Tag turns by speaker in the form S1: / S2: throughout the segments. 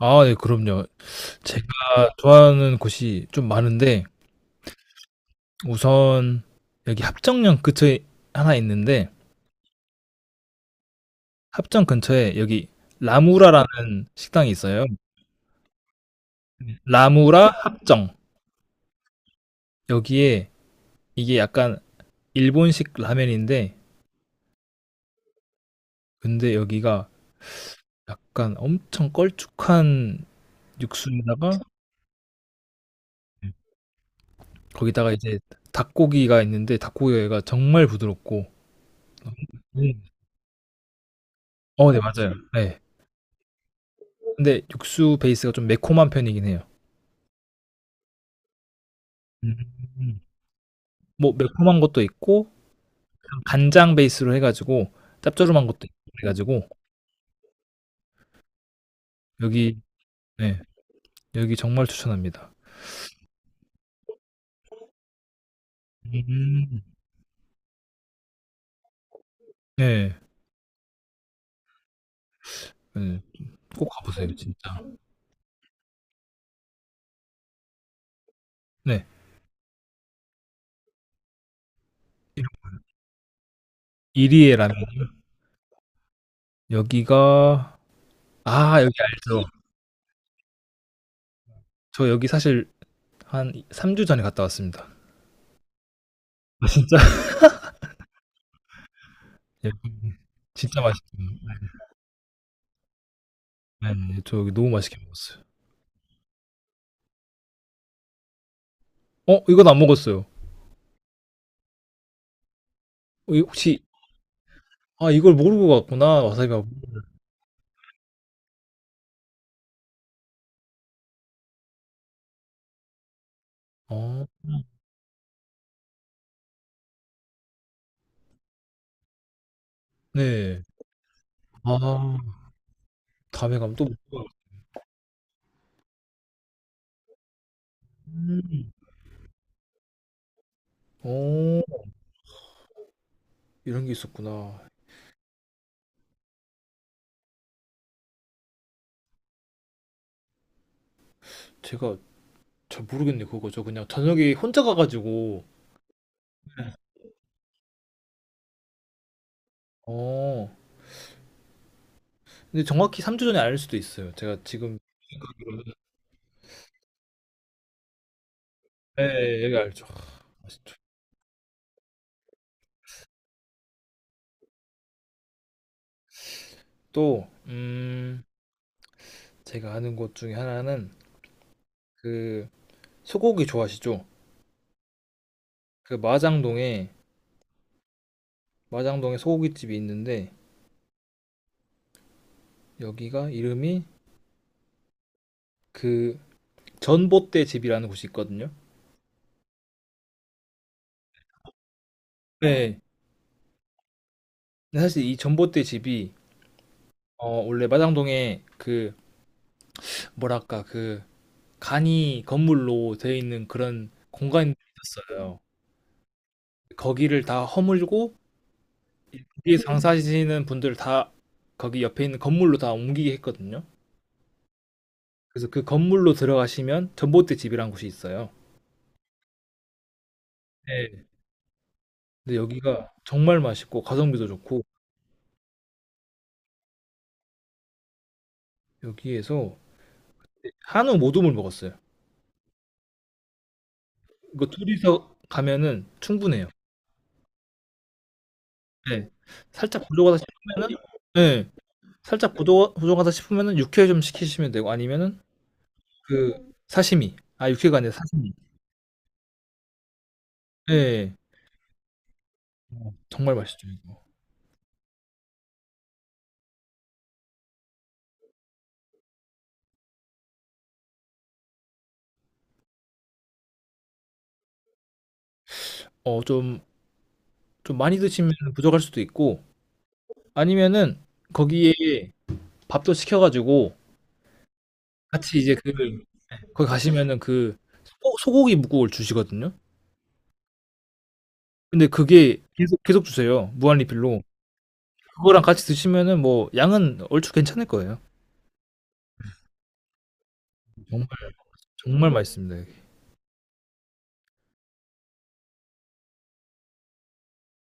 S1: 아 네 그럼요. 제가 좋아하는 곳이 좀 많은데 우선 여기 합정역 근처에 하나 있는데 합정 근처에 여기 라무라라는 식당이 있어요. 네. 라무라 합정. 여기에 이게 약간 일본식 라멘인데 근데 여기가 약간 엄청 걸쭉한 육수에다가 거기다가 이제 닭고기가 있는데 닭고기가 정말 부드럽고. 음. 어 네 맞아요. 네, 근데 육수 베이스가 좀 매콤한 편이긴 해요. 음. 뭐 매콤한 것도 있고 간장 베이스로 해 가지고 짭조름한 것도 있고 그래 가지고 여기. 네. 여기 정말 추천합니다. 음. 네. 네. 꼭 가 보세요 진짜. 네. 이리 이리에 라면. 여기가 아 여기 알죠. 저 여기 사실 한 3주 전에 갔다 왔습니다. 진짜. 여기 진짜 맛있어요. 네. 네네. 저 여기 너무 맛있게 먹었어요. 어 이건 안 먹었어요. 어 이 혹시 아 이걸 모르고 갔구나. 와사비가. 어. 네. 아. 다음에 가면 또 먹어요. 음. 어, 이런 게 있었구나. 제가 잘 모르겠네, 그거. 저 그냥 저녁에 혼자 가가지고. 어, 근데 정확히 3주 전에 알 수도 있어요. 제가 지금. 네, 여기 알죠. 아시죠? 또, 제가 아는 곳 중에 하나는 그 소고기 좋아하시죠? 그 마장동에 소고기집이 있는데, 여기가 이름이 그 전봇대 집이라는 곳이 있거든요. 네. 근데 사실 이 전봇대 집이 원래 마장동에 그 뭐랄까 그 간이 건물로 되어 있는 그런 공간이 있었어요. 거기를 다 허물고 거기에 장사하시는 분들 다 거기 옆에 있는 건물로 다 옮기게 했거든요. 그래서 그 건물로 들어가시면 전봇대 집이라는 곳이 있어요. 네. 근데 여기가 정말 맛있고 가성비도 좋고 여기에서 한우 모둠을 먹었어요. 이거 둘이서 가면은 충분해요. 네. 살짝 부족하다 싶으면은. 네. 살짝 부족하다 싶으면은 육회 좀 시키시면 되고 아니면은 그 사시미. 아, 육회가 아니라 사시미. 예. 어 정말 맛있죠, 이거. 어 좀 많이 드시면 부족할 수도 있고 아니면은 거기에 밥도 시켜 가지고 같이 이제 그 거기 가시면은 그 소 소고기 뭇국을 주시거든요. 근데 그게 계속 계속 주세요, 무한 리필로. 그거랑 같이 드시면은 뭐 양은 얼추 괜찮을 거예요. 정말 정말 맛있습니다, 여기.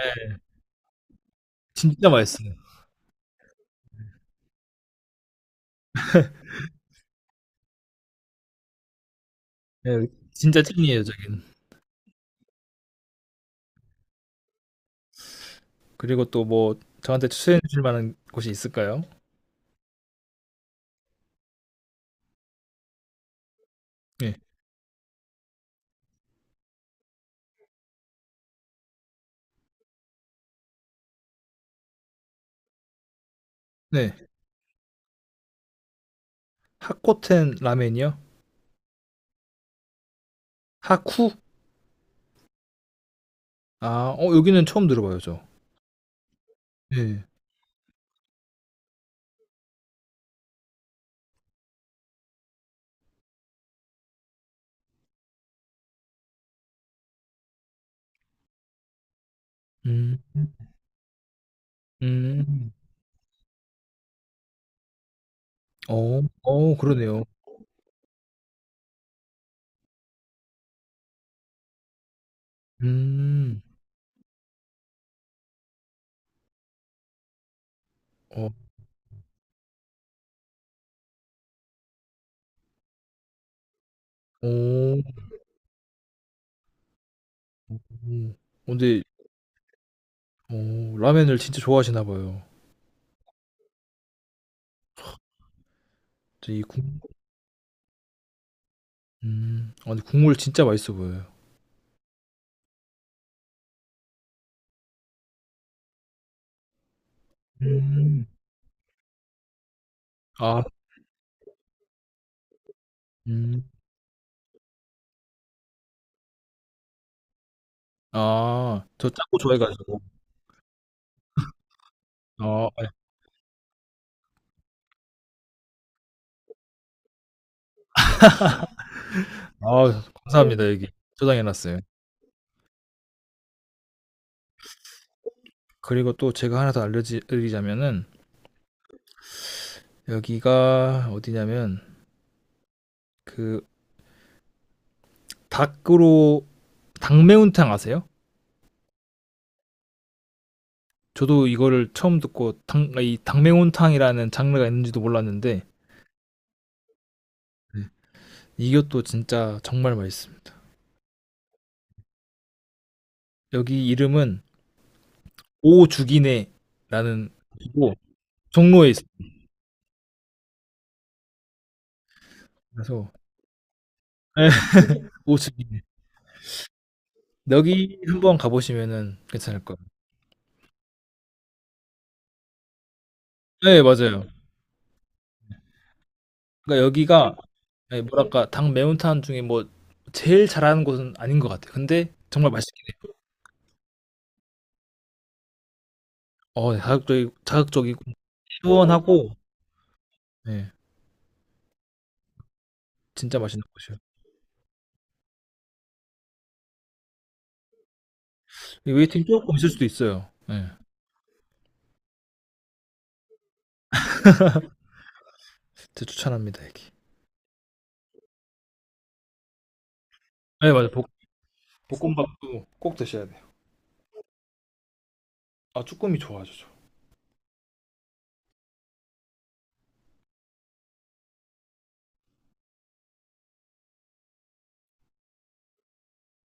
S1: 예. 진짜 맛있어요. 예. 진짜 찐이에요, 저는. 그리고 또 뭐 저한테 추천해 주실 만한 곳이 있을까요? 예. 네. 하코텐 라멘이요? 하쿠? 아 여기는 처음 들어봐요 저. 네. 음. 음. 어. 어 그러네요. 음. 어. 오. 근데 라멘을 진짜 좋아하시나 봐요. 저 이 국 아 근데 국물 진짜 맛있어 보여요. 음. 아. 음. 아 저 짠 거 좋아해 가지고. 아 예. 아 감사합니다 여기 저장해 놨어요. 그리고 또 제가 하나 더 알려 지 드리자면은 여기가 어디냐면 그 닭으로 닭매운탕 아세요? 저도 이거를 처음 듣고 이 닭매운탕이라는 장르가 있는지도 몰랐는데. 네. 이것도 진짜 정말 맛있습니다. 여기 이름은 오죽이네라는 곳이고 종로에 있어요. 그래서 네, 오죽이네. 여기 한번 가보시면은 괜찮을 거예요. 네 맞아요. 그러니까 여기가 네, 뭐랄까 닭매운탕 중에 뭐 제일 잘하는 곳은 아닌 것 같아요. 근데 정말 맛있게 자극적이고 자극적이고 시원하고. 네, 진짜 맛있는 곳이에요. 이 웨이팅 조금 있을 수도 있어요. 네. 진짜 추천합니다, 여기. 네, 맞아. 볶음밥도 꼭 드셔야 돼요. 아, 쭈꾸미 좋아하죠. 저.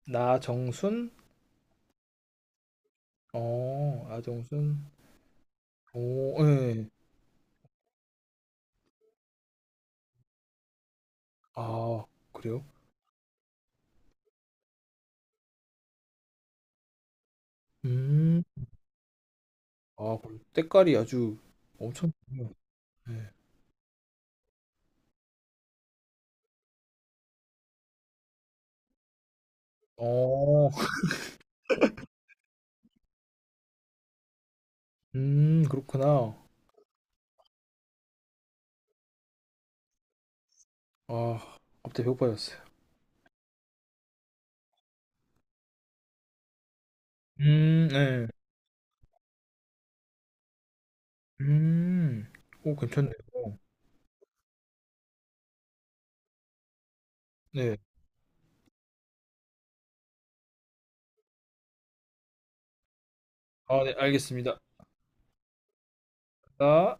S1: 나정순? 어, 나정순. 오, 예. 네. 아, 그래요? 음. 아, 그럼 때깔이 아주 엄청 좋네요. 네. 어, 그렇구나. 아, 갑자기 배고파졌어요. 네. 음. 오, 괜찮네요. 네. 아, 네, 알겠습니다. 아.